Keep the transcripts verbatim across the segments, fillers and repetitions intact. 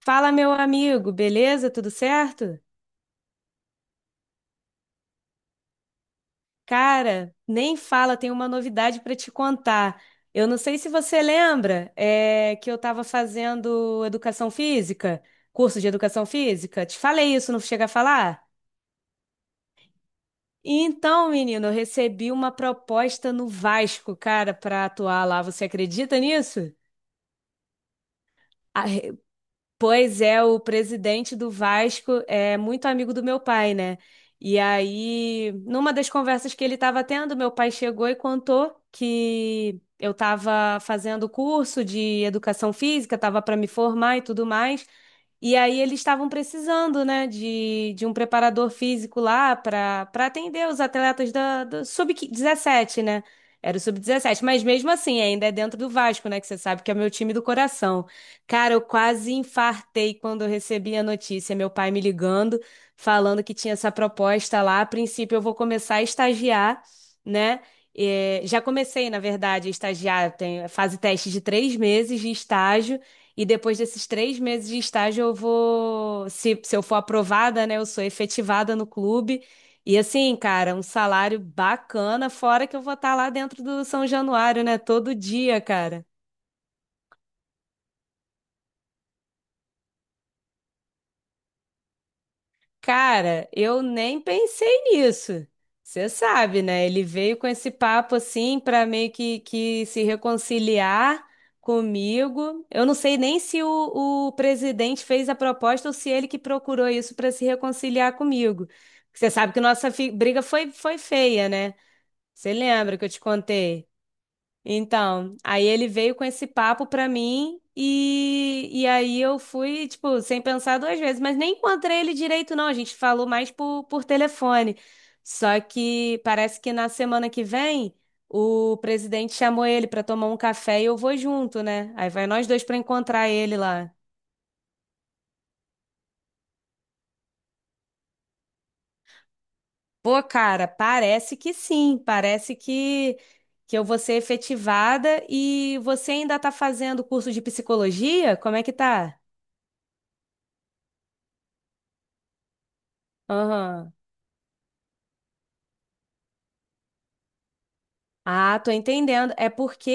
Fala, meu amigo, beleza? Tudo certo? Cara, nem fala, tem uma novidade para te contar. Eu não sei se você lembra, é, que eu estava fazendo educação física, curso de educação física. Te falei isso, não chega a falar? Então, menino, eu recebi uma proposta no Vasco, cara, para atuar lá. Você acredita nisso? Pois é, o presidente do Vasco é muito amigo do meu pai, né? E aí, numa das conversas que ele estava tendo, meu pai chegou e contou que eu estava fazendo curso de educação física, estava para me formar e tudo mais. E aí eles estavam precisando, né, de, de um preparador físico lá para para atender os atletas da, do sub dezessete, né? Era o sub dezessete, mas mesmo assim ainda é dentro do Vasco, né? Que você sabe que é meu time do coração. Cara, eu quase infartei quando eu recebi a notícia, meu pai me ligando, falando que tinha essa proposta lá. A princípio, eu vou começar a estagiar, né? É, já comecei, na verdade, a estagiar. Tem fase teste de três meses de estágio, e depois desses três meses de estágio, eu vou, se, se eu for aprovada, né? Eu sou efetivada no clube. E assim, cara, um salário bacana, fora que eu vou estar lá dentro do São Januário, né? Todo dia, cara. Cara, eu nem pensei nisso. Você sabe, né? Ele veio com esse papo assim para meio que, que se reconciliar comigo. Eu não sei nem se o, o presidente fez a proposta ou se ele que procurou isso para se reconciliar comigo. Você sabe que nossa fi- briga foi, foi feia, né? Você lembra que eu te contei? Então, aí ele veio com esse papo pra mim e, e aí eu fui, tipo, sem pensar duas vezes, mas nem encontrei ele direito, não. A gente falou mais por, por telefone. Só que parece que na semana que vem o presidente chamou ele pra tomar um café e eu vou junto, né? Aí vai nós dois pra encontrar ele lá. Pô, cara, parece que sim, parece que que eu vou ser efetivada e você ainda tá fazendo curso de psicologia? Como é que tá? Aham. Ah, tô entendendo. É porque,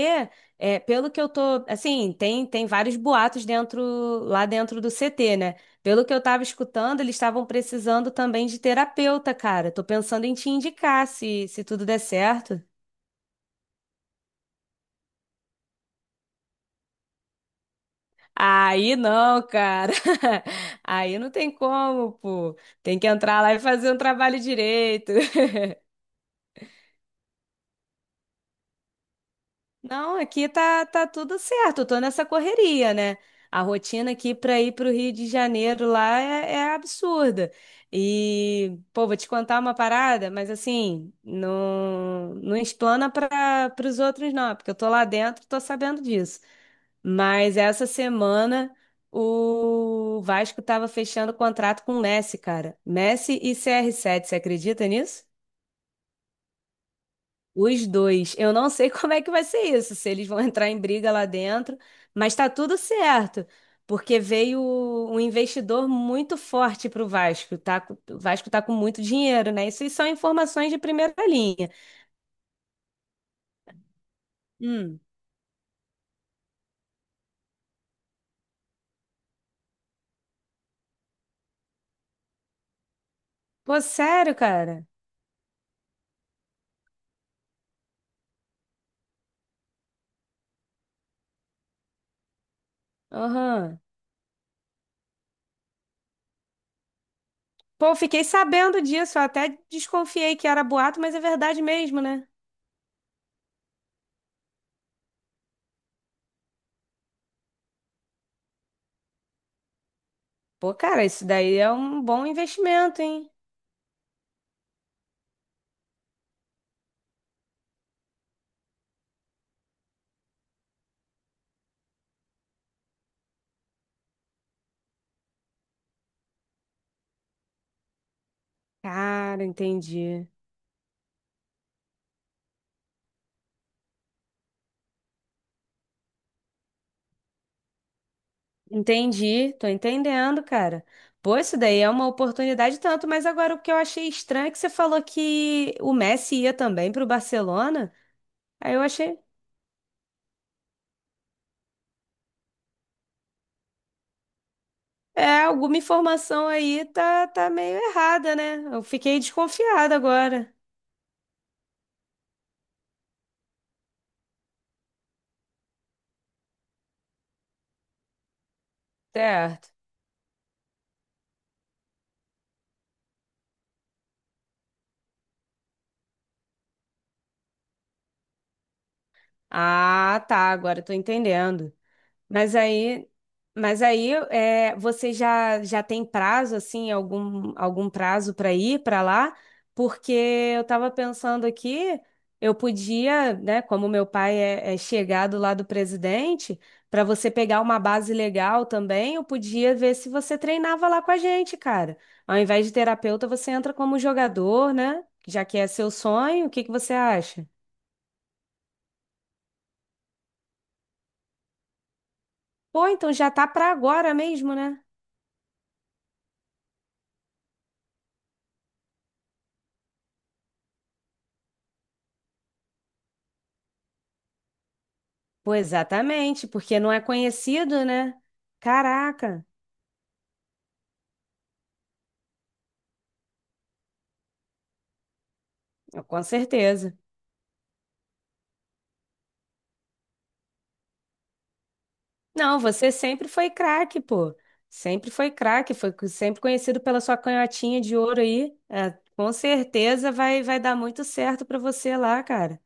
é, pelo que eu tô, assim, tem, tem vários boatos dentro, lá dentro do C T, né? Pelo que eu tava escutando, eles estavam precisando também de terapeuta, cara. Tô pensando em te indicar se, se tudo der certo. Aí não, cara. Aí não tem como, pô. Tem que entrar lá e fazer um trabalho direito. Não, aqui tá, tá tudo certo. Eu tô nessa correria, né? A rotina aqui para ir para o Rio de Janeiro lá é, é absurda. E, pô, vou te contar uma parada, mas assim, não, não explana para os outros, não, porque eu tô lá dentro, tô sabendo disso. Mas essa semana o Vasco tava fechando contrato com o Messi, cara. Messi e C R sete, você acredita nisso? Os dois. Eu não sei como é que vai ser isso, se eles vão entrar em briga lá dentro, mas tá tudo certo, porque veio um investidor muito forte pro Vasco, tá? com- O Vasco tá com muito dinheiro, né? Isso aí são informações de primeira linha. Hum. Pô, sério, cara? Aham. Pô, eu fiquei sabendo disso, eu até desconfiei que era boato, mas é verdade mesmo, né? Pô, cara, isso daí é um bom investimento, hein? Cara, entendi. Entendi, tô entendendo, cara. Pô, isso daí é uma oportunidade tanto, mas agora o que eu achei estranho é que você falou que o Messi ia também pro Barcelona. Aí eu achei, é, alguma informação aí tá, tá meio errada, né? Eu fiquei desconfiada agora. Certo. Ah, tá, agora eu tô entendendo. Mas aí, mas aí é, você já, já tem prazo, assim, algum, algum prazo para ir para lá? Porque eu estava pensando aqui, eu podia, né, como meu pai é, é chegado lá do presidente, para você pegar uma base legal também, eu podia ver se você treinava lá com a gente, cara. Ao invés de terapeuta, você entra como jogador, né? Já que é seu sonho, o que que você acha? Pô, então já tá para agora mesmo, né? Pô, exatamente, porque não é conhecido, né? Caraca, com certeza. Não, você sempre foi craque, pô. Sempre foi craque, foi co- sempre conhecido pela sua canhotinha de ouro aí. É, com certeza vai, vai dar muito certo pra você lá, cara.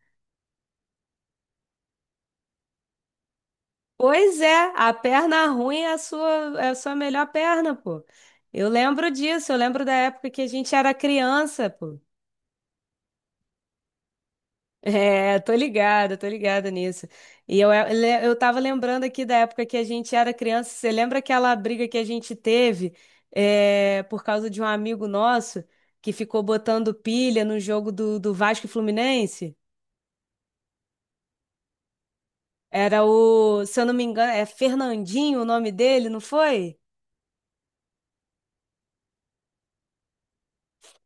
Pois é, a perna ruim é a sua, é a sua melhor perna, pô. Eu lembro disso, eu lembro da época que a gente era criança, pô. É, tô ligada, tô ligada nisso. E eu, eu, eu tava lembrando aqui da época que a gente era criança. Você lembra aquela briga que a gente teve, é, por causa de um amigo nosso que ficou botando pilha no jogo do, do Vasco e Fluminense? Era o, se eu não me engano, é Fernandinho o nome dele, não foi?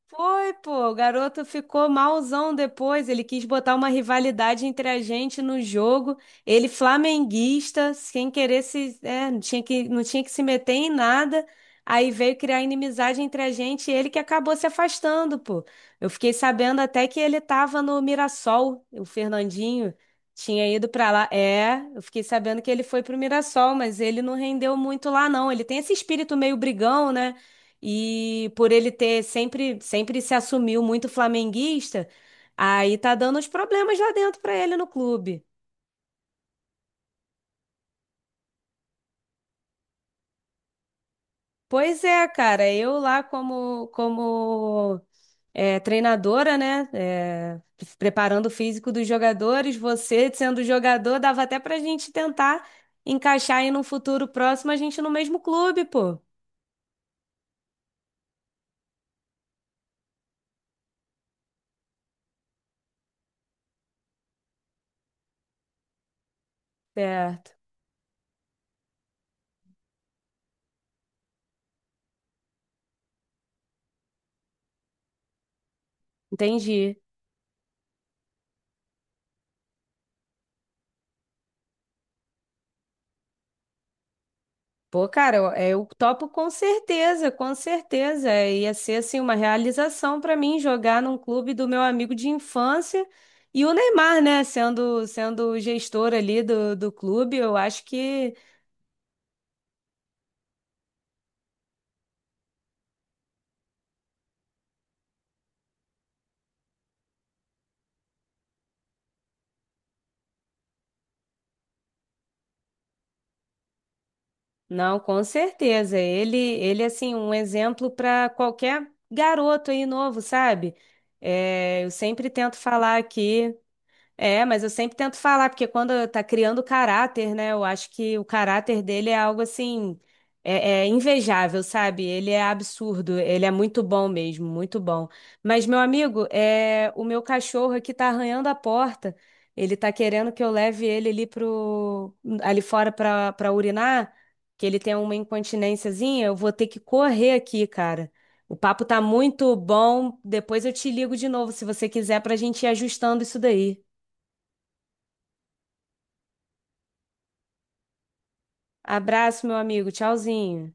Foi, pô, o garoto ficou malzão depois. Ele quis botar uma rivalidade entre a gente no jogo. Ele flamenguista, sem querer se, é, não tinha que, não tinha que se meter em nada. Aí veio criar inimizade entre a gente e ele que acabou se afastando, pô. Eu fiquei sabendo até que ele tava no Mirassol, o Fernandinho tinha ido pra lá. É, eu fiquei sabendo que ele foi pro Mirassol, mas ele não rendeu muito lá, não. Ele tem esse espírito meio brigão, né? E por ele ter sempre, sempre se assumiu muito flamenguista, aí tá dando uns problemas lá dentro pra ele no clube. Pois é, cara, eu lá como, como é, treinadora, né? é, preparando o físico dos jogadores, você sendo jogador, dava até pra gente tentar encaixar aí num futuro próximo a gente no mesmo clube, pô. Certo, entendi. Pô, cara, eu, é, eu topo com certeza, com certeza. É, ia ser assim uma realização pra mim jogar num clube do meu amigo de infância e o Neymar, né, sendo sendo o gestor ali do, do clube, eu acho que não, com certeza. Ele ele assim um exemplo pra qualquer garoto aí novo, sabe? É, eu sempre tento falar aqui. É, mas eu sempre tento falar, porque quando tá criando caráter, né? Eu acho que o caráter dele é algo assim, é, é invejável, sabe? Ele é absurdo, ele é muito bom mesmo, muito bom. Mas, meu amigo, é, o meu cachorro aqui tá arranhando a porta, ele tá querendo que eu leve ele ali pro, ali fora pra, pra urinar, que ele tem uma incontinênciazinha, eu vou ter que correr aqui, cara. O papo tá muito bom, depois eu te ligo de novo, se você quiser, pra gente ir ajustando isso daí. Abraço, meu amigo. Tchauzinho.